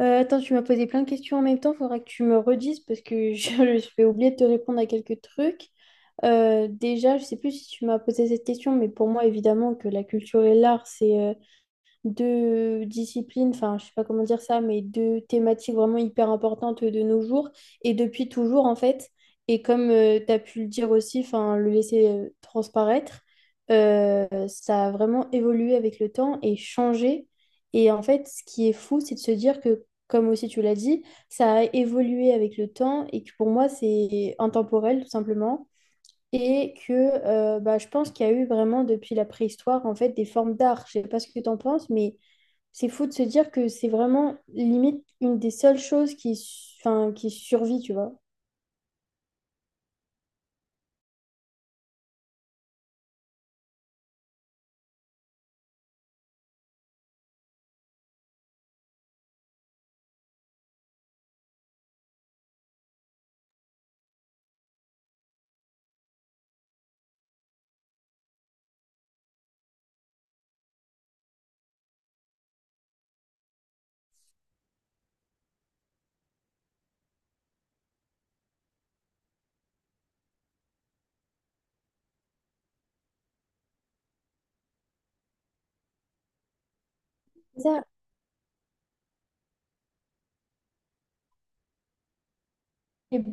Attends, tu m'as posé plein de questions en même temps. Il faudra que tu me redises parce que je vais oublier de te répondre à quelques trucs. Déjà, je sais plus si tu m'as posé cette question, mais pour moi, évidemment, que la culture et l'art, c'est deux disciplines, enfin je sais pas comment dire ça, mais deux thématiques vraiment hyper importantes de nos jours et depuis toujours en fait. Et comme tu as pu le dire aussi, enfin le laisser transparaître, ça a vraiment évolué avec le temps et changé. Et en fait, ce qui est fou, c'est de se dire que, comme aussi tu l'as dit, ça a évolué avec le temps et que pour moi, c'est intemporel tout simplement. Et que bah, je pense qu'il y a eu vraiment depuis la préhistoire en fait des formes d'art. Je sais pas ce que tu en penses, mais c'est fou de se dire que c'est vraiment limite une des seules choses qui, enfin, qui survit, tu vois. Ça, et-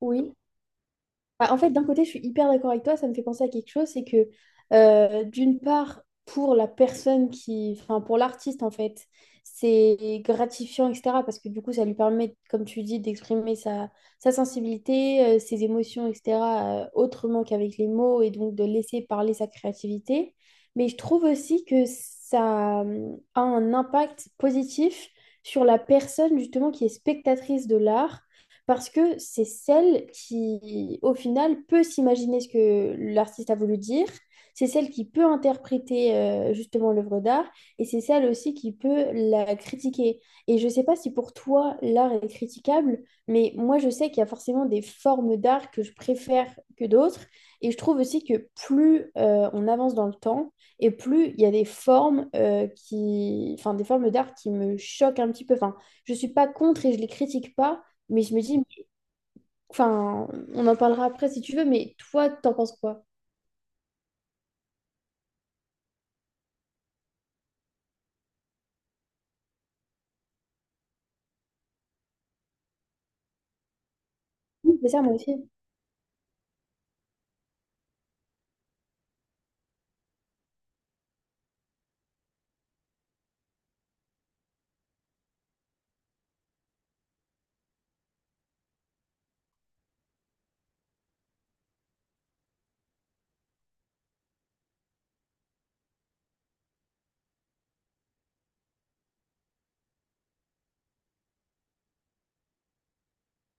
oui. Bah, en fait, d'un côté, je suis hyper d'accord avec toi, ça me fait penser à quelque chose, c'est que d'une part, pour la personne qui, enfin pour l'artiste en fait, c'est gratifiant, etc. Parce que du coup, ça lui permet, comme tu dis, d'exprimer sa sensibilité, ses émotions, etc. Autrement qu'avec les mots et donc de laisser parler sa créativité. Mais je trouve aussi que ça a un impact positif sur la personne justement qui est spectatrice de l'art parce que c'est celle qui, au final, peut s'imaginer ce que l'artiste a voulu dire, c'est celle qui peut interpréter justement l'œuvre d'art, et c'est celle aussi qui peut la critiquer. Et je ne sais pas si pour toi, l'art est critiquable, mais moi, je sais qu'il y a forcément des formes d'art que je préfère que d'autres, et je trouve aussi que plus on avance dans le temps, et plus il y a des formes qui, enfin, des formes d'art qui me choquent un petit peu. Enfin, je ne suis pas contre et je ne les critique pas, mais je me dis, enfin, on en parlera après si tu veux, mais toi, t'en penses quoi? Oui, c'est ça, moi aussi.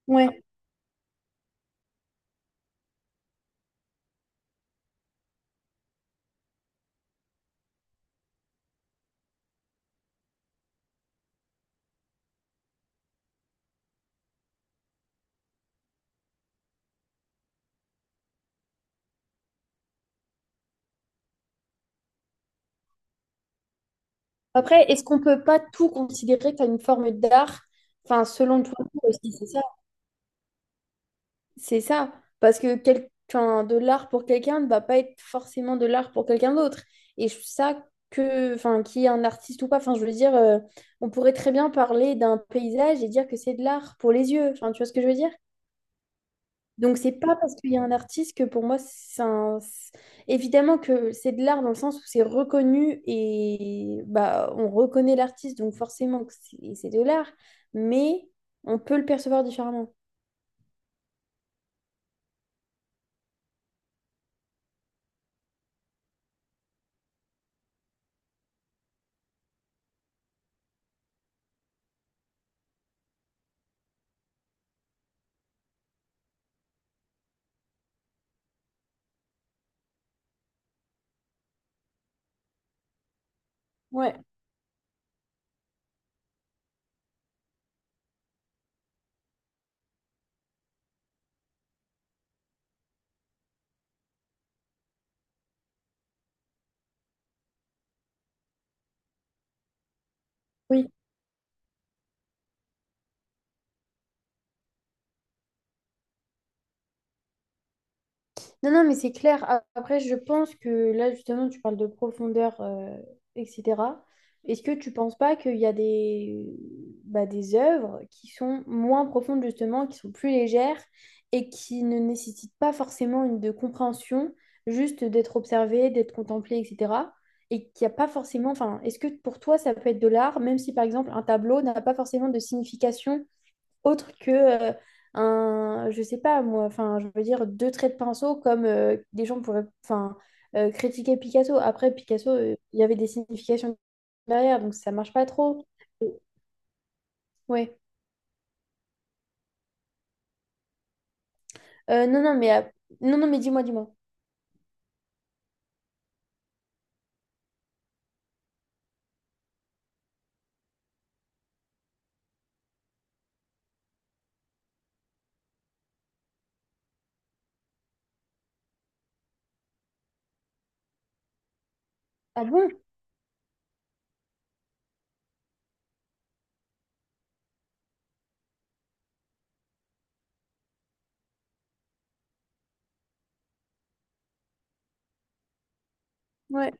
Ouais. Après, est-ce qu'on peut pas tout considérer comme une forme d'art? Enfin, selon toi aussi, c'est ça. C'est ça. Parce que quel... enfin, de l'art pour quelqu'un ne va pas être forcément de l'art pour quelqu'un d'autre. Et je trouve ça que, enfin, qu'il y ait un artiste ou pas, enfin, je veux dire, on pourrait très bien parler d'un paysage et dire que c'est de l'art pour les yeux. Enfin, tu vois ce que je veux dire? Donc, c'est pas parce qu'il y a un artiste que pour moi, c'est un... c'est- évidemment que c'est de l'art dans le sens où c'est reconnu et bah, on reconnaît l'artiste, donc forcément que c'est de l'art, mais on peut le percevoir différemment. Ouais. Oui. Non, non, mais c'est clair. A- Après, je pense que là, justement, tu parles de profondeur, etc. Est-ce que tu penses pas qu'il y a des, bah, des œuvres qui sont moins profondes, justement, qui sont plus légères et qui ne nécessitent pas forcément une de compréhension, juste d'être observée, d'être contemplée, etc. Et qu'il n'y a pas forcément, enfin, est-ce que pour toi, ça peut être de l'art, même si, par exemple, un tableau n'a pas forcément de signification autre que euh, un, je sais pas moi, enfin, je veux dire deux traits de pinceau comme des gens pourraient, enfin, critiquer Picasso. Après, Picasso, il y avait des significations derrière, donc ça marche pas trop. Ouais. Non, non, mais, non, non, mais dis-moi, dis-moi. Ah bon? Ouais.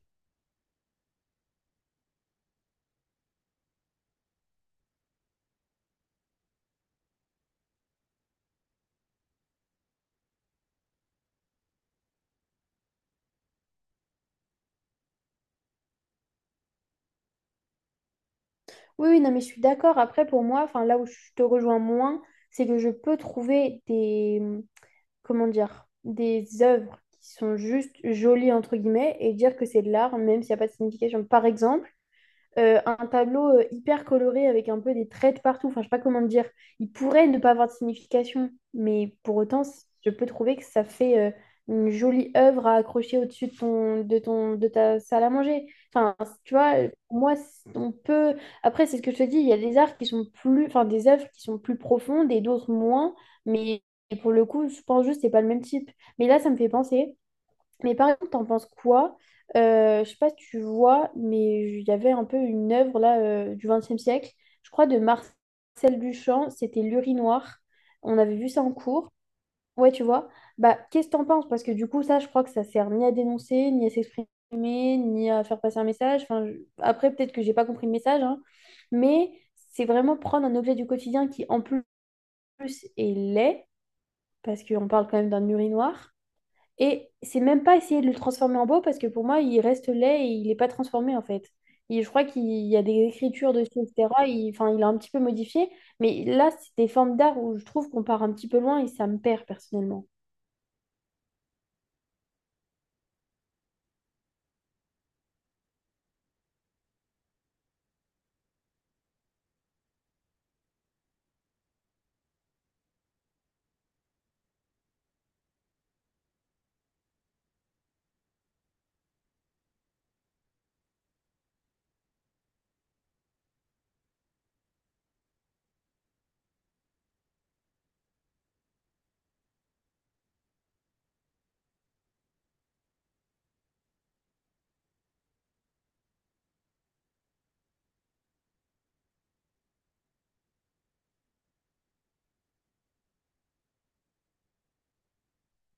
Oui, oui, non, mais je suis d'accord. Après, pour moi, enfin, là où je te rejoins moins, c'est que je peux trouver des, comment dire, des œuvres qui sont juste jolies, entre guillemets, et dire que c'est de l'art, même s'il n'y a pas de signification. Par exemple, un tableau hyper coloré avec un peu des traits de partout. Enfin, je sais pas comment dire. Il pourrait ne pas avoir de signification, mais pour autant, c- je peux trouver que ça fait une jolie œuvre à accrocher au-dessus de ta salle à manger. Enfin, c- tu vois, pour moi, c- on peut. Après, c'est ce que je te dis. Il y a des arts qui sont plus, enfin, des œuvres qui sont plus profondes et d'autres moins. Mais pour le coup, je pense juste que c'est pas le même type. Mais là, ça me fait penser. Mais par exemple, t'en penses quoi? Je sais pas si tu vois, mais il y avait un peu une œuvre là du XXe siècle, je crois de Marcel Duchamp, c'était L'urinoir. On avait vu ça en cours. Ouais, tu vois. Bah, qu'est-ce que t'en penses? Parce que du coup, ça, je crois que ça sert ni à dénoncer, ni à s'exprimer, ni à faire passer un message. Enfin, je- après, peut-être que j'ai pas compris le message, hein, mais c'est vraiment prendre un objet du quotidien qui, en plus, est laid, parce qu'on parle quand même d'un urinoir et c'est même pas essayer de le transformer en beau parce que pour moi, il reste laid et il n'est pas transformé en fait. Et je crois qu'il y a des écritures dessus, etc. Il, enfin, il a un petit peu modifié. Mais là, c'est des formes d'art où je trouve qu'on part un petit peu loin et ça me perd personnellement.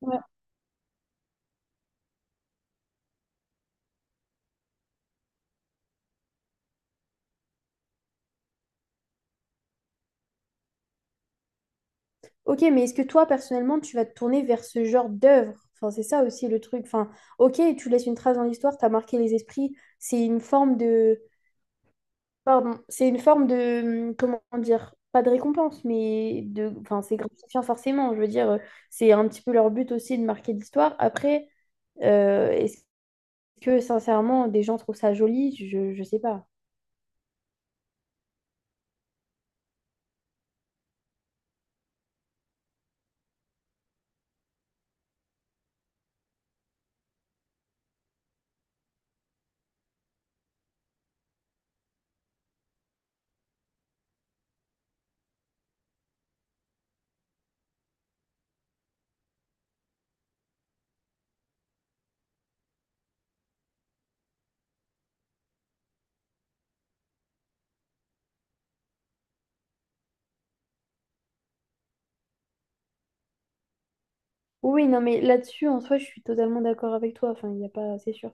Ouais. Ok, mais est-ce que toi, personnellement, tu vas te tourner vers ce genre d'œuvre? Enfin, c'est ça aussi le truc. Enfin, ok, tu laisses une trace dans l'histoire, t'as marqué les esprits. C'est une forme de, pardon, c'est une forme de, comment dire, pas de récompense, mais de, enfin, c'est gratifiant forcément. Je veux dire, c'est un petit peu leur but aussi de marquer l'histoire. Après, est-ce que sincèrement, des gens trouvent ça joli? Je sais pas. Oui, oui, non, mais là-dessus, en soi, je suis totalement d'accord avec toi. Enfin, il n'y a pas, c'est sûr.